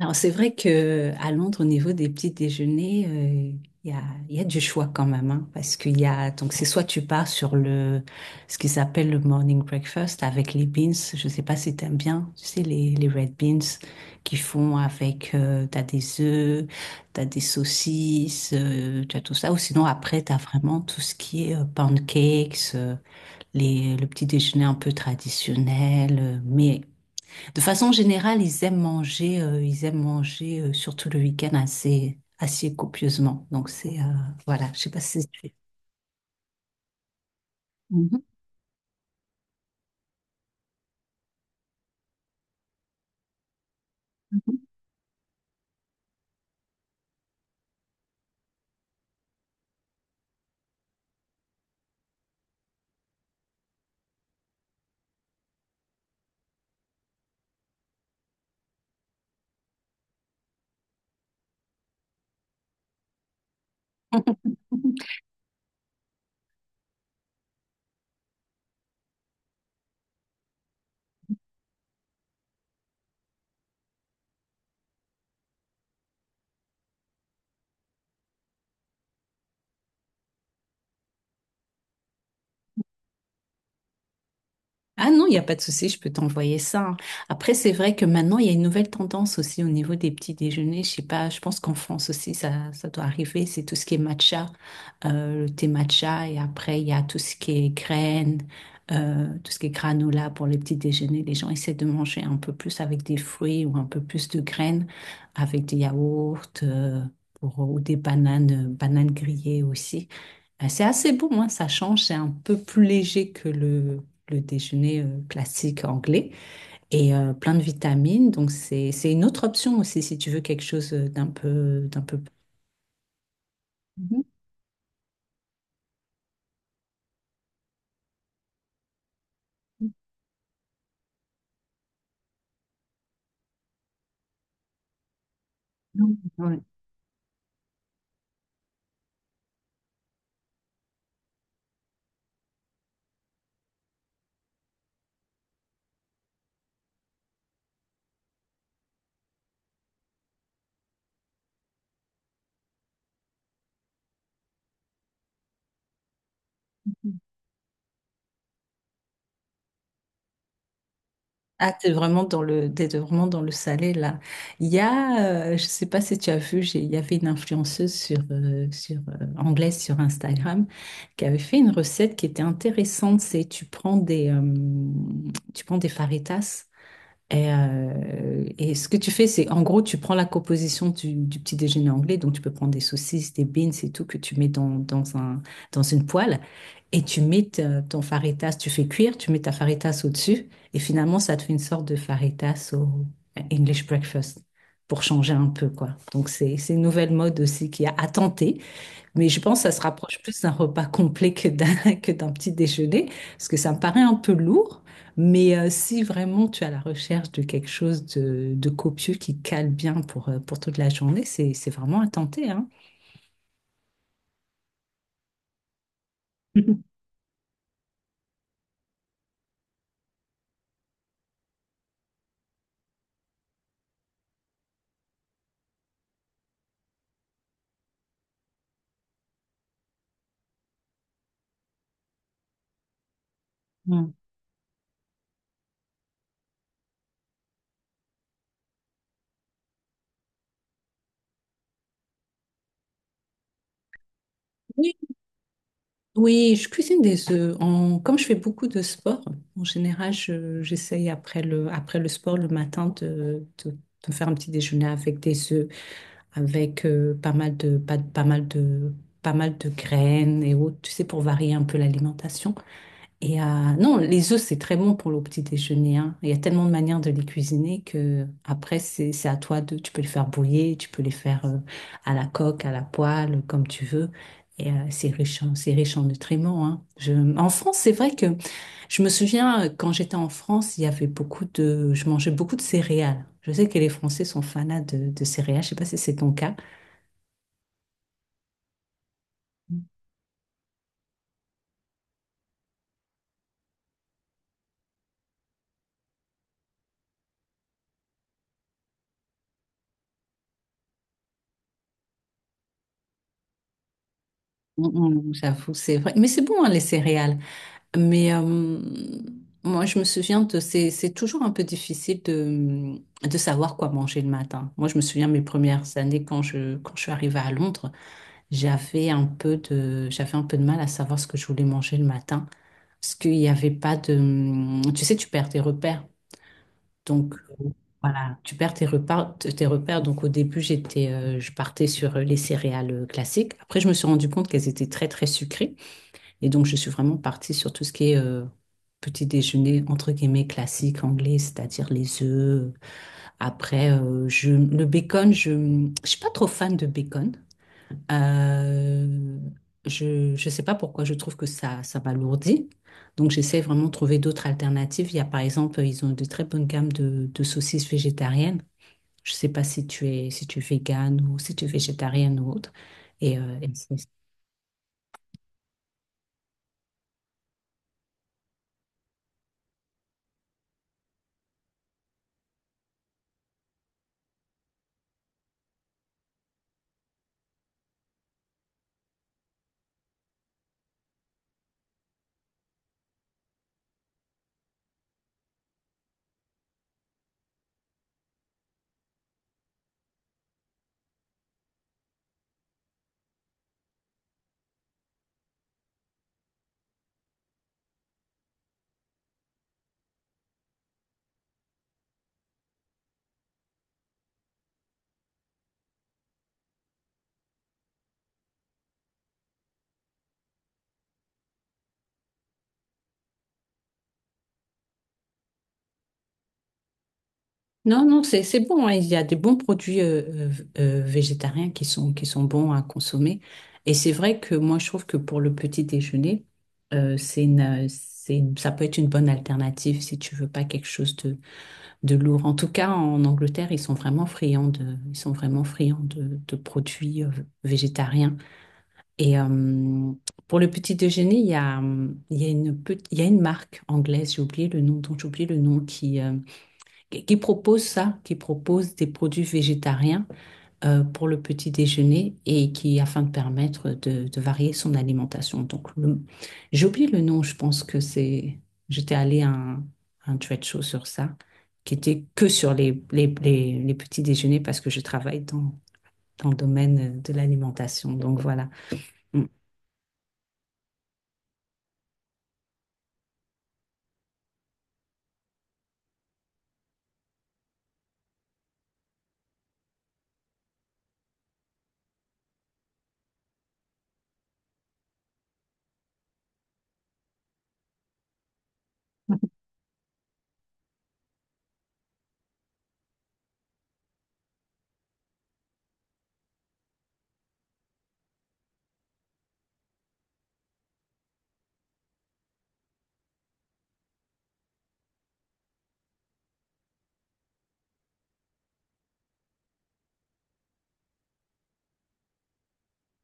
Alors, c'est vrai que à Londres, au niveau des petits déjeuners, il y a, il y a du choix quand même, hein, parce qu'il y a, donc c'est soit tu pars sur le, ce qu'ils appellent le morning breakfast avec les beans, je sais pas si t'aimes bien, tu sais, les red beans qu'ils font avec, t'as des œufs, t'as des saucisses, t'as tout ça, ou sinon après t'as vraiment tout ce qui est pancakes, les, le petit déjeuner un peu traditionnel, mais de façon générale, ils aiment manger surtout le week-end assez copieusement. Donc c'est voilà, je sais pas si c'est. Mhm. Ah non, il n'y a pas de souci, je peux t'envoyer ça, hein. Après, c'est vrai que maintenant, il y a une nouvelle tendance aussi au niveau des petits déjeuners. Je sais pas, je pense qu'en France aussi, ça doit arriver. C'est tout ce qui est matcha, le thé matcha, et après, il y a tout ce qui est graines, tout ce qui est granola pour les petits déjeuners. Les gens essaient de manger un peu plus avec des fruits ou un peu plus de graines, avec des yaourts, pour, ou des bananes, bananes grillées aussi. C'est assez bon, hein, ça change, c'est un peu plus léger que le déjeuner classique anglais et plein de vitamines. Donc c'est une autre option aussi si tu veux quelque chose d'un peu d'un peu. Mhm. Ouais. Ah, t'es vraiment dans le, t'es vraiment dans le salé là. Il y a, je sais pas si tu as vu, il y avait une influenceuse sur anglaise sur Instagram qui avait fait une recette qui était intéressante. C'est tu prends des faritas. Et ce que tu fais, c'est en gros, tu prends la composition du petit déjeuner anglais, donc tu peux prendre des saucisses, des beans et tout que tu mets dans, dans un, dans une poêle et tu mets ton faritas, tu fais cuire, tu mets ta faritas au-dessus et finalement, ça te fait une sorte de faritas au English breakfast pour changer un peu, quoi. Donc, c'est une nouvelle mode aussi qui a à tenter, mais je pense que ça se rapproche plus d'un repas complet que d'un que d'un petit déjeuner, parce que ça me paraît un peu lourd. Mais si vraiment tu as la recherche de quelque chose de copieux qui cale bien pour toute la journée, c'est vraiment à tenter, hein. Mhm. Mm. Oui, oui, je cuisine des œufs. En- comme je fais beaucoup de sport, en général, j'essaye après le sport le matin de me faire un petit déjeuner avec des œufs, avec pas mal de, pas, pas mal de, pas mal de graines et autres, tu sais, pour varier un peu l'alimentation. Et non, les œufs, c'est très bon pour le petit déjeuner, hein. Il y a tellement de manières de les cuisiner que après, c'est à toi de, tu peux les faire bouillir, tu peux les faire à la coque, à la poêle, comme tu veux. Et c'est riche en nutriments, hein. Je, en France, c'est vrai que je me souviens, quand j'étais en France, il y avait beaucoup de… Je mangeais beaucoup de céréales. Je sais que les Français sont fanas de céréales. Je sais pas si c'est ton cas. Mm. J'avoue, c'est vrai. Mais c'est bon, hein, les céréales. Mais moi, je me souviens de… c'est toujours un peu difficile de savoir quoi manger le matin. Moi, je me souviens mes premières années quand je suis arrivée à Londres, j'avais un peu de, j'avais un peu de mal à savoir ce que je voulais manger le matin. Parce qu'il n'y avait pas de… Tu sais, tu perds tes repères. Donc, voilà, tu perds tes repères. Tes repères. Donc, au début, je partais sur les céréales classiques. Après, je me suis rendu compte qu'elles étaient très, très sucrées. Et donc, je suis vraiment partie sur tout ce qui est petit déjeuner, entre guillemets, classique anglais, c'est-à-dire les œufs. Après, le bacon, je ne suis pas trop fan de bacon. Euh, je ne sais pas pourquoi, je trouve que ça m'alourdit. Donc, j'essaie vraiment de trouver d'autres alternatives. Il y a, par exemple, ils ont de très bonnes gammes de saucisses végétariennes. Je ne sais pas si tu es, si tu es végane ou si tu es végétarienne ou autre. Et c'est- Non, non, c'est bon, hein. Il y a des bons produits euh, végétariens qui sont bons à consommer. Et c'est vrai que moi, je trouve que pour le petit déjeuner, c'est une, ça peut être une bonne alternative si tu veux pas quelque chose de lourd. En tout cas, en Angleterre, ils sont vraiment friands de produits végétariens. Et pour le petit déjeuner, il y a il y a une marque anglaise. J'ai oublié le nom, dont j'ai oublié le nom qui propose ça, qui propose des produits végétariens pour le petit déjeuner et qui afin de permettre de varier son alimentation. J'ai oublié le nom, je pense que c'est j'étais allée à un trade show sur ça, qui était que sur les, les petits déjeuners parce que je travaille dans, dans le domaine de l'alimentation. Donc voilà. Mm.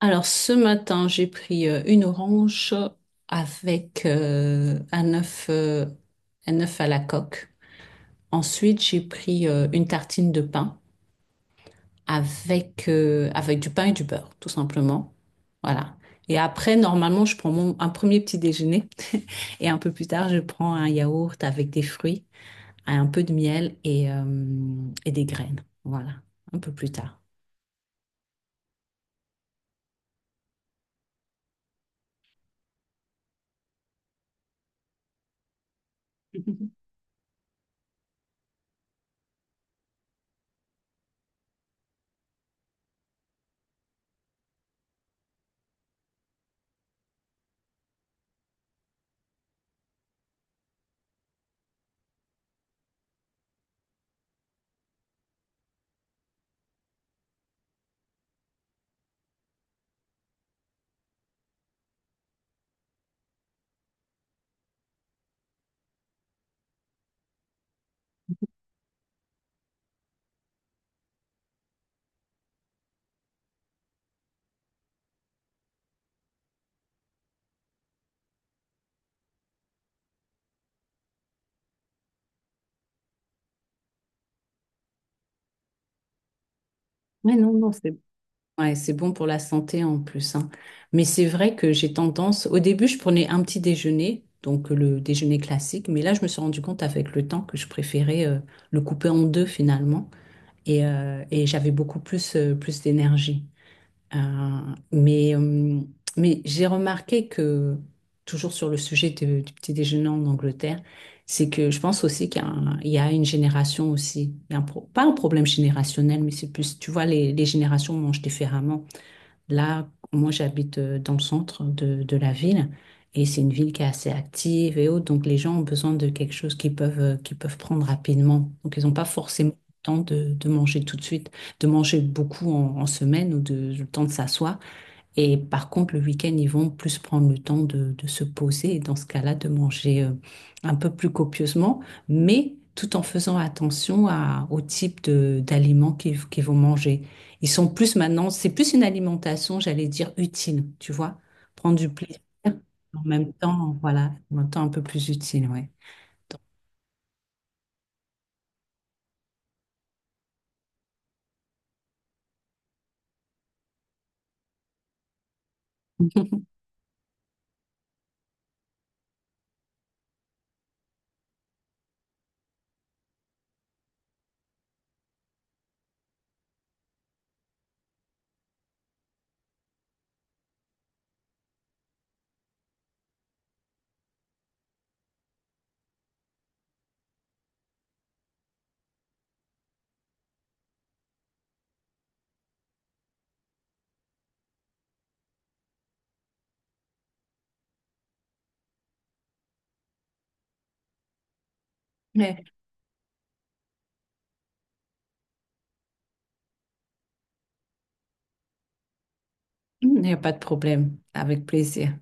Alors ce matin, j'ai pris une orange avec un œuf à la coque. Ensuite, j'ai pris une tartine de pain avec, avec du pain et du beurre, tout simplement. Voilà. Et après, normalement, je prends un premier petit déjeuner et un peu plus tard, je prends un yaourt avec des fruits, un peu de miel et des graines. Voilà, un peu plus tard. Mais non, non, c'est Ouais, c'est bon pour la santé en plus, hein. Mais c'est vrai que j'ai tendance, au début, je prenais un petit déjeuner, donc le déjeuner classique, mais là, je me suis rendu compte avec le temps que je préférais le couper en deux finalement, et j'avais beaucoup plus, plus d'énergie. Euh, mais euh, mais j'ai remarqué que, toujours sur le sujet du petit déjeuner en Angleterre, c'est que je pense aussi qu'il y a, un- il y a une génération aussi, il y a pas un problème générationnel, mais c'est plus, tu vois, les générations mangent différemment. Là, moi, j'habite dans le centre de la ville et c'est une ville qui est assez active et autres. Donc, les gens ont besoin de quelque chose qu'ils peuvent prendre rapidement. Donc, ils n'ont pas forcément le temps de manger tout de suite, de manger beaucoup en, en semaine ou de, le temps de s'asseoir. Et par contre, le week-end, ils vont plus prendre le temps de se poser et dans ce cas-là, de manger un peu plus copieusement, mais tout en faisant attention au type de, d'aliments qu'ils, qu'ils vont manger. Ils sont plus maintenant, c'est plus une alimentation, j'allais dire, utile, tu vois, prendre du plaisir en même temps, voilà, en même temps un peu plus utile, ouais. Mais Il n'y a pas de problème, avec plaisir.